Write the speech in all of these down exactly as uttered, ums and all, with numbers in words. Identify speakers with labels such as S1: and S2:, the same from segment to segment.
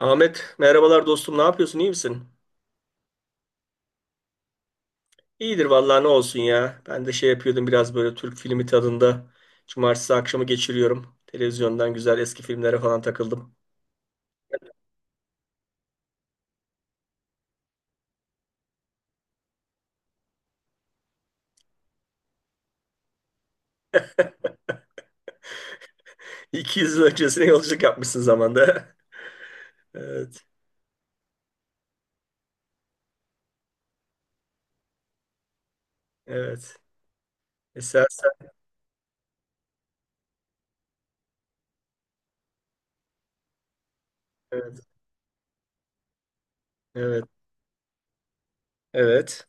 S1: Ahmet merhabalar dostum, ne yapıyorsun, iyi misin? İyidir vallahi, ne olsun ya. Ben de şey yapıyordum biraz böyle Türk filmi tadında. Cumartesi akşamı geçiriyorum. Televizyondan güzel eski filmlere falan takıldım. iki yüz yıl öncesine yolculuk yapmışsın zamanda. Evet, evet. Esasen evet, evet, evet.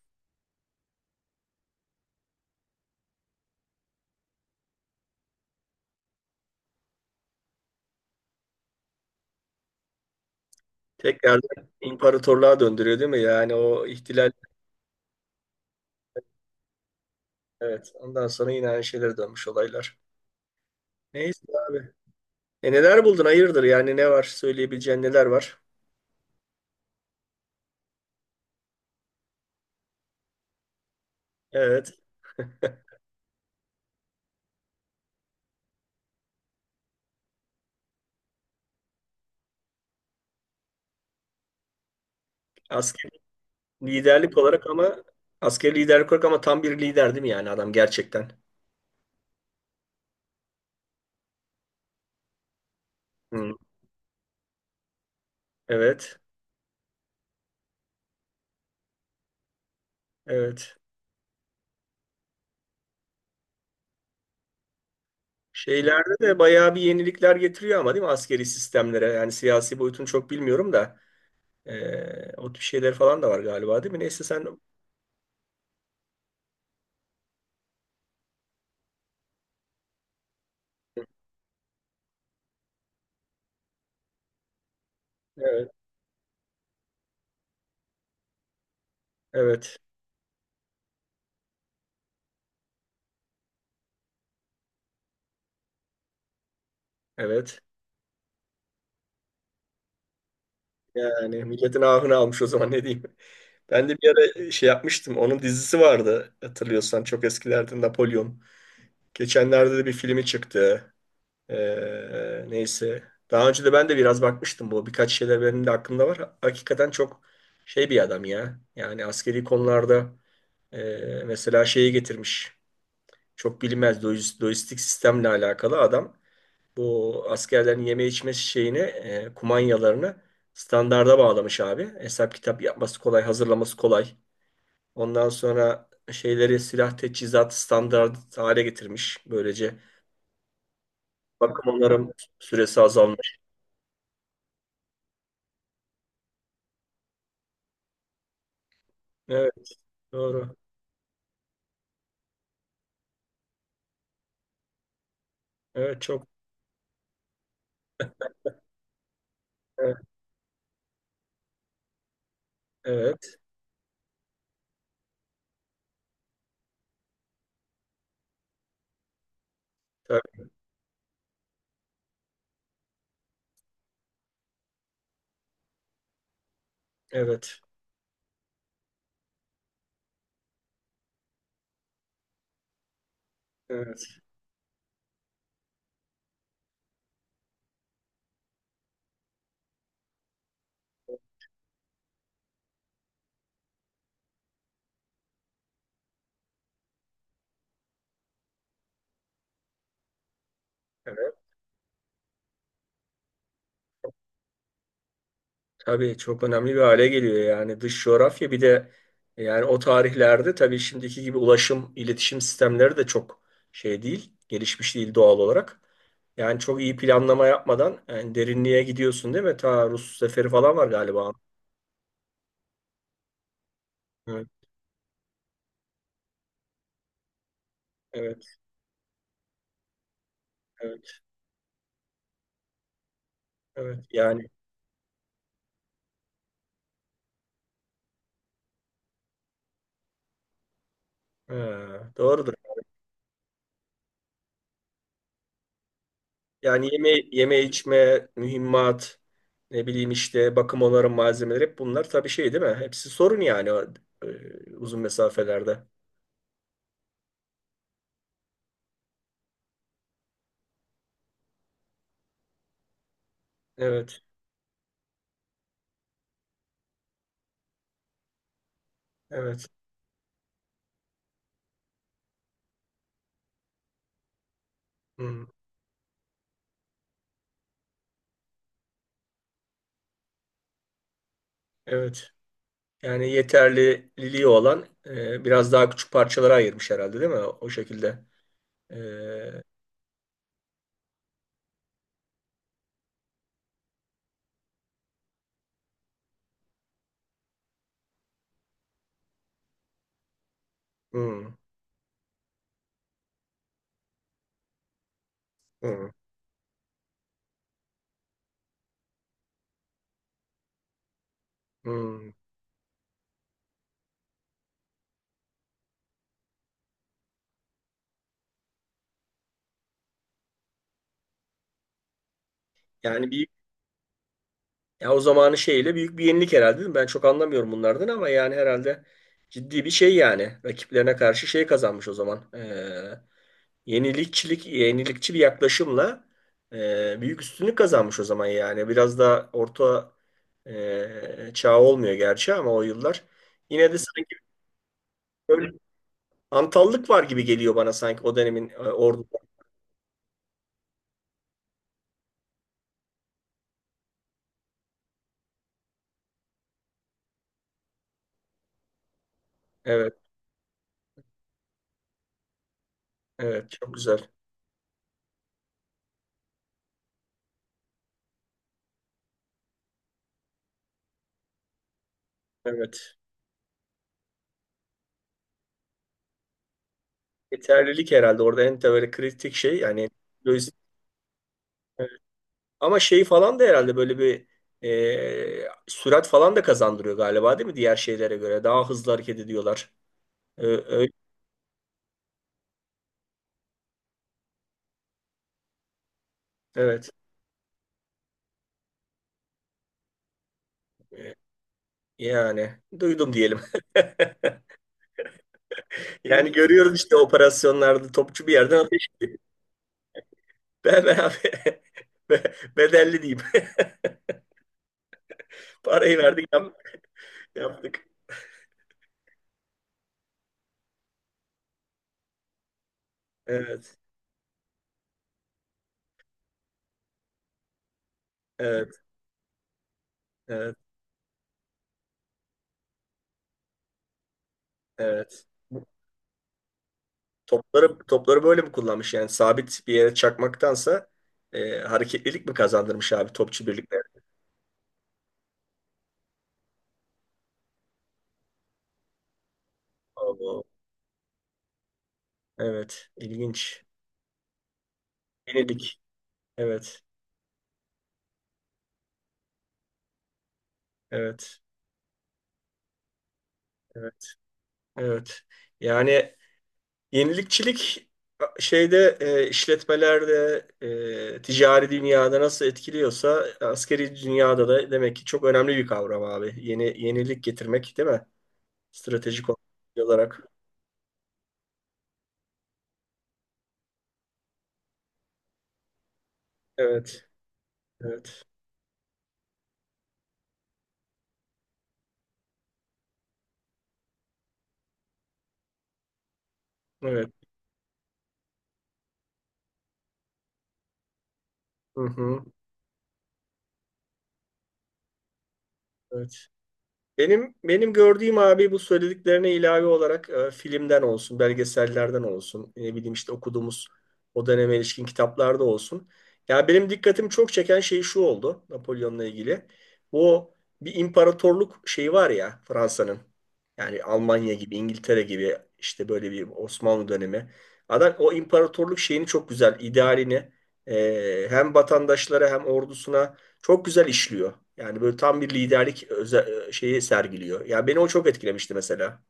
S1: Tekrar imparatorluğa döndürüyor değil mi? Yani o ihtilal evet. Ondan sonra yine aynı şeylere dönmüş olaylar. Neyse abi. E, neler buldun? Hayırdır? Yani ne var? Söyleyebileceğin neler var? Evet. Asker liderlik olarak, ama askeri liderlik olarak, ama tam bir lider değil mi yani adam gerçekten? Hı. Evet. Evet. Şeylerde de bayağı bir yenilikler getiriyor ama değil mi askeri sistemlere? Yani siyasi boyutunu çok bilmiyorum da eee, o tip şeyler falan da var galiba değil mi? Neyse sen evet, evet, evet, yani milletin ahını almış o zaman, ne diyeyim. Ben de bir ara şey yapmıştım. Onun dizisi vardı hatırlıyorsan, çok eskilerden, Napolyon. Geçenlerde de bir filmi çıktı. Ee, neyse. Daha önce de ben de biraz bakmıştım bu. Birkaç şeyler benim de aklımda var. Hakikaten çok şey bir adam ya. Yani askeri konularda e, mesela şeyi getirmiş. Çok bilinmez lojis- lojistik sistemle alakalı adam. Bu askerlerin yeme içme şeyini, e, kumanyalarını standarda bağlamış abi. Hesap kitap yapması kolay, hazırlaması kolay. Ondan sonra şeyleri silah teçhizat standart hale getirmiş. Böylece bakım onarım süresi evet, doğru. Evet, çok evet, evet, tabii, evet, evet, evet. Tabii çok önemli bir hale geliyor yani, dış coğrafya bir de, yani o tarihlerde tabii şimdiki gibi ulaşım, iletişim sistemleri de çok şey değil, gelişmiş değil doğal olarak. Yani çok iyi planlama yapmadan yani derinliğe gidiyorsun değil mi? Ta Rus seferi falan var galiba. Evet, evet, evet, evet. Yani ha, doğrudur. Yani yeme, yeme içme, mühimmat, ne bileyim işte bakım onarım malzemeleri, hep bunlar tabii şey değil mi? Hepsi sorun yani o, e, uzun mesafelerde. Evet, evet, hmm, evet. Yani yeterliliği olan e, biraz daha küçük parçalara ayırmış herhalde değil mi? O şekilde. E, hmm, hmm, hmm. Yani bir, ya o zamanı şeyle büyük bir yenilik herhalde değil mi? Ben çok anlamıyorum bunlardan ama yani herhalde ciddi bir şey yani. Rakiplerine karşı şey kazanmış o zaman. E, yenilikçilik, yenilikçi bir yaklaşımla e, büyük üstünlük kazanmış o zaman yani. Biraz da orta e, çağ olmuyor gerçi ama o yıllar. Yine de sanki böyle antallık var gibi geliyor bana, sanki o dönemin e, ordu. Evet, evet çok güzel. Evet. Yeterlilik herhalde orada en böyle kritik şey yani, lojistik. Evet. Ama şey falan da herhalde böyle bir e, sürat falan da kazandırıyor galiba değil mi diğer şeylere göre? Daha hızlı hareket ediyorlar. Ee, öyle- evet. E, yani duydum diyelim. Yani görüyoruz işte, operasyonlarda topçu bir yerden ateş. Be, be abi. Be- bedelli diyeyim. Parayı verdik yap- yaptık. Evet. Evet. Evet. Evet. Bu Topları, topları böyle mi kullanmış, yani sabit bir yere çakmaktansa e, hareketlilik mi kazandırmış abi topçu birlikler? Allah. Evet, ilginç. Yenilik. Evet, evet, evet, evet. Yani yenilikçilik şeyde e, işletmelerde, e, ticari dünyada nasıl etkiliyorsa askeri dünyada da demek ki çok önemli bir kavram abi. Yeni yenilik getirmek değil mi? Stratejik olarak. Evet. Evet. Evet. Hı hı. Evet. Benim benim gördüğüm abi, bu söylediklerine ilave olarak e, filmden olsun, belgesellerden olsun, ne bileyim işte okuduğumuz o döneme ilişkin kitaplarda olsun. Ya benim dikkatimi çok çeken şey şu oldu Napolyon'la ilgili. Bu bir imparatorluk şeyi var ya Fransa'nın. Yani Almanya gibi, İngiltere gibi, işte böyle bir Osmanlı dönemi. Adam o imparatorluk şeyini çok güzel, idealini e, hem vatandaşlara hem ordusuna çok güzel işliyor. Yani böyle tam bir liderlik öze- şeyi sergiliyor. Ya beni o çok etkilemişti mesela.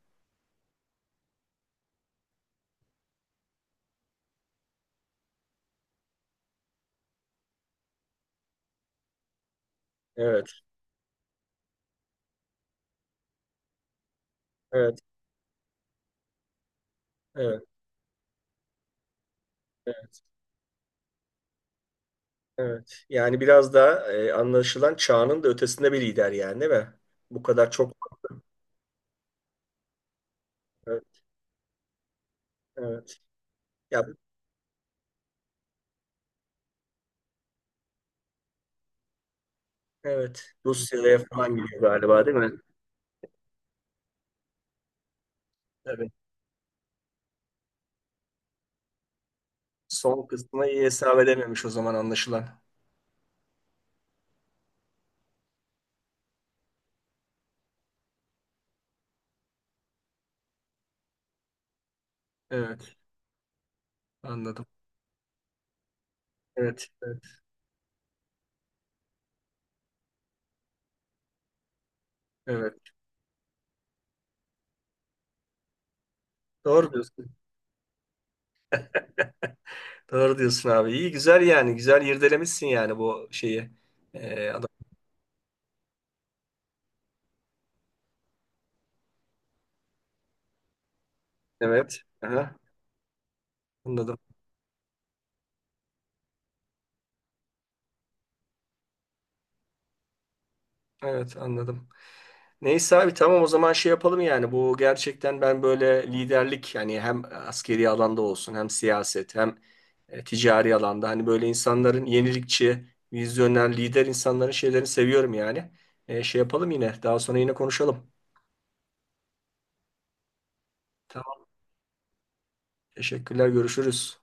S1: Evet, evet, evet, evet, evet. Yani biraz da e, anlaşılan çağının da ötesinde bir lider yani değil mi? Bu kadar çok evet, evet. Ya evet. Rusya'ya falan gidiyor galiba değil mi? Evet. Son kısmına iyi hesap edememiş o zaman anlaşılan. Evet, anladım. Evet, evet, evet. Doğru diyorsun. Doğru diyorsun abi. İyi güzel yani. Güzel irdelemişsin yani bu şeyi. E, Evet. Aha, anladım. Evet, anladım. Neyse abi tamam, o zaman şey yapalım yani, bu gerçekten ben böyle liderlik yani hem askeri alanda olsun hem siyaset hem e, ticari alanda, hani böyle insanların yenilikçi, vizyoner, lider insanların şeylerini seviyorum yani. E, şey yapalım, yine daha sonra yine konuşalım. Tamam, teşekkürler, görüşürüz.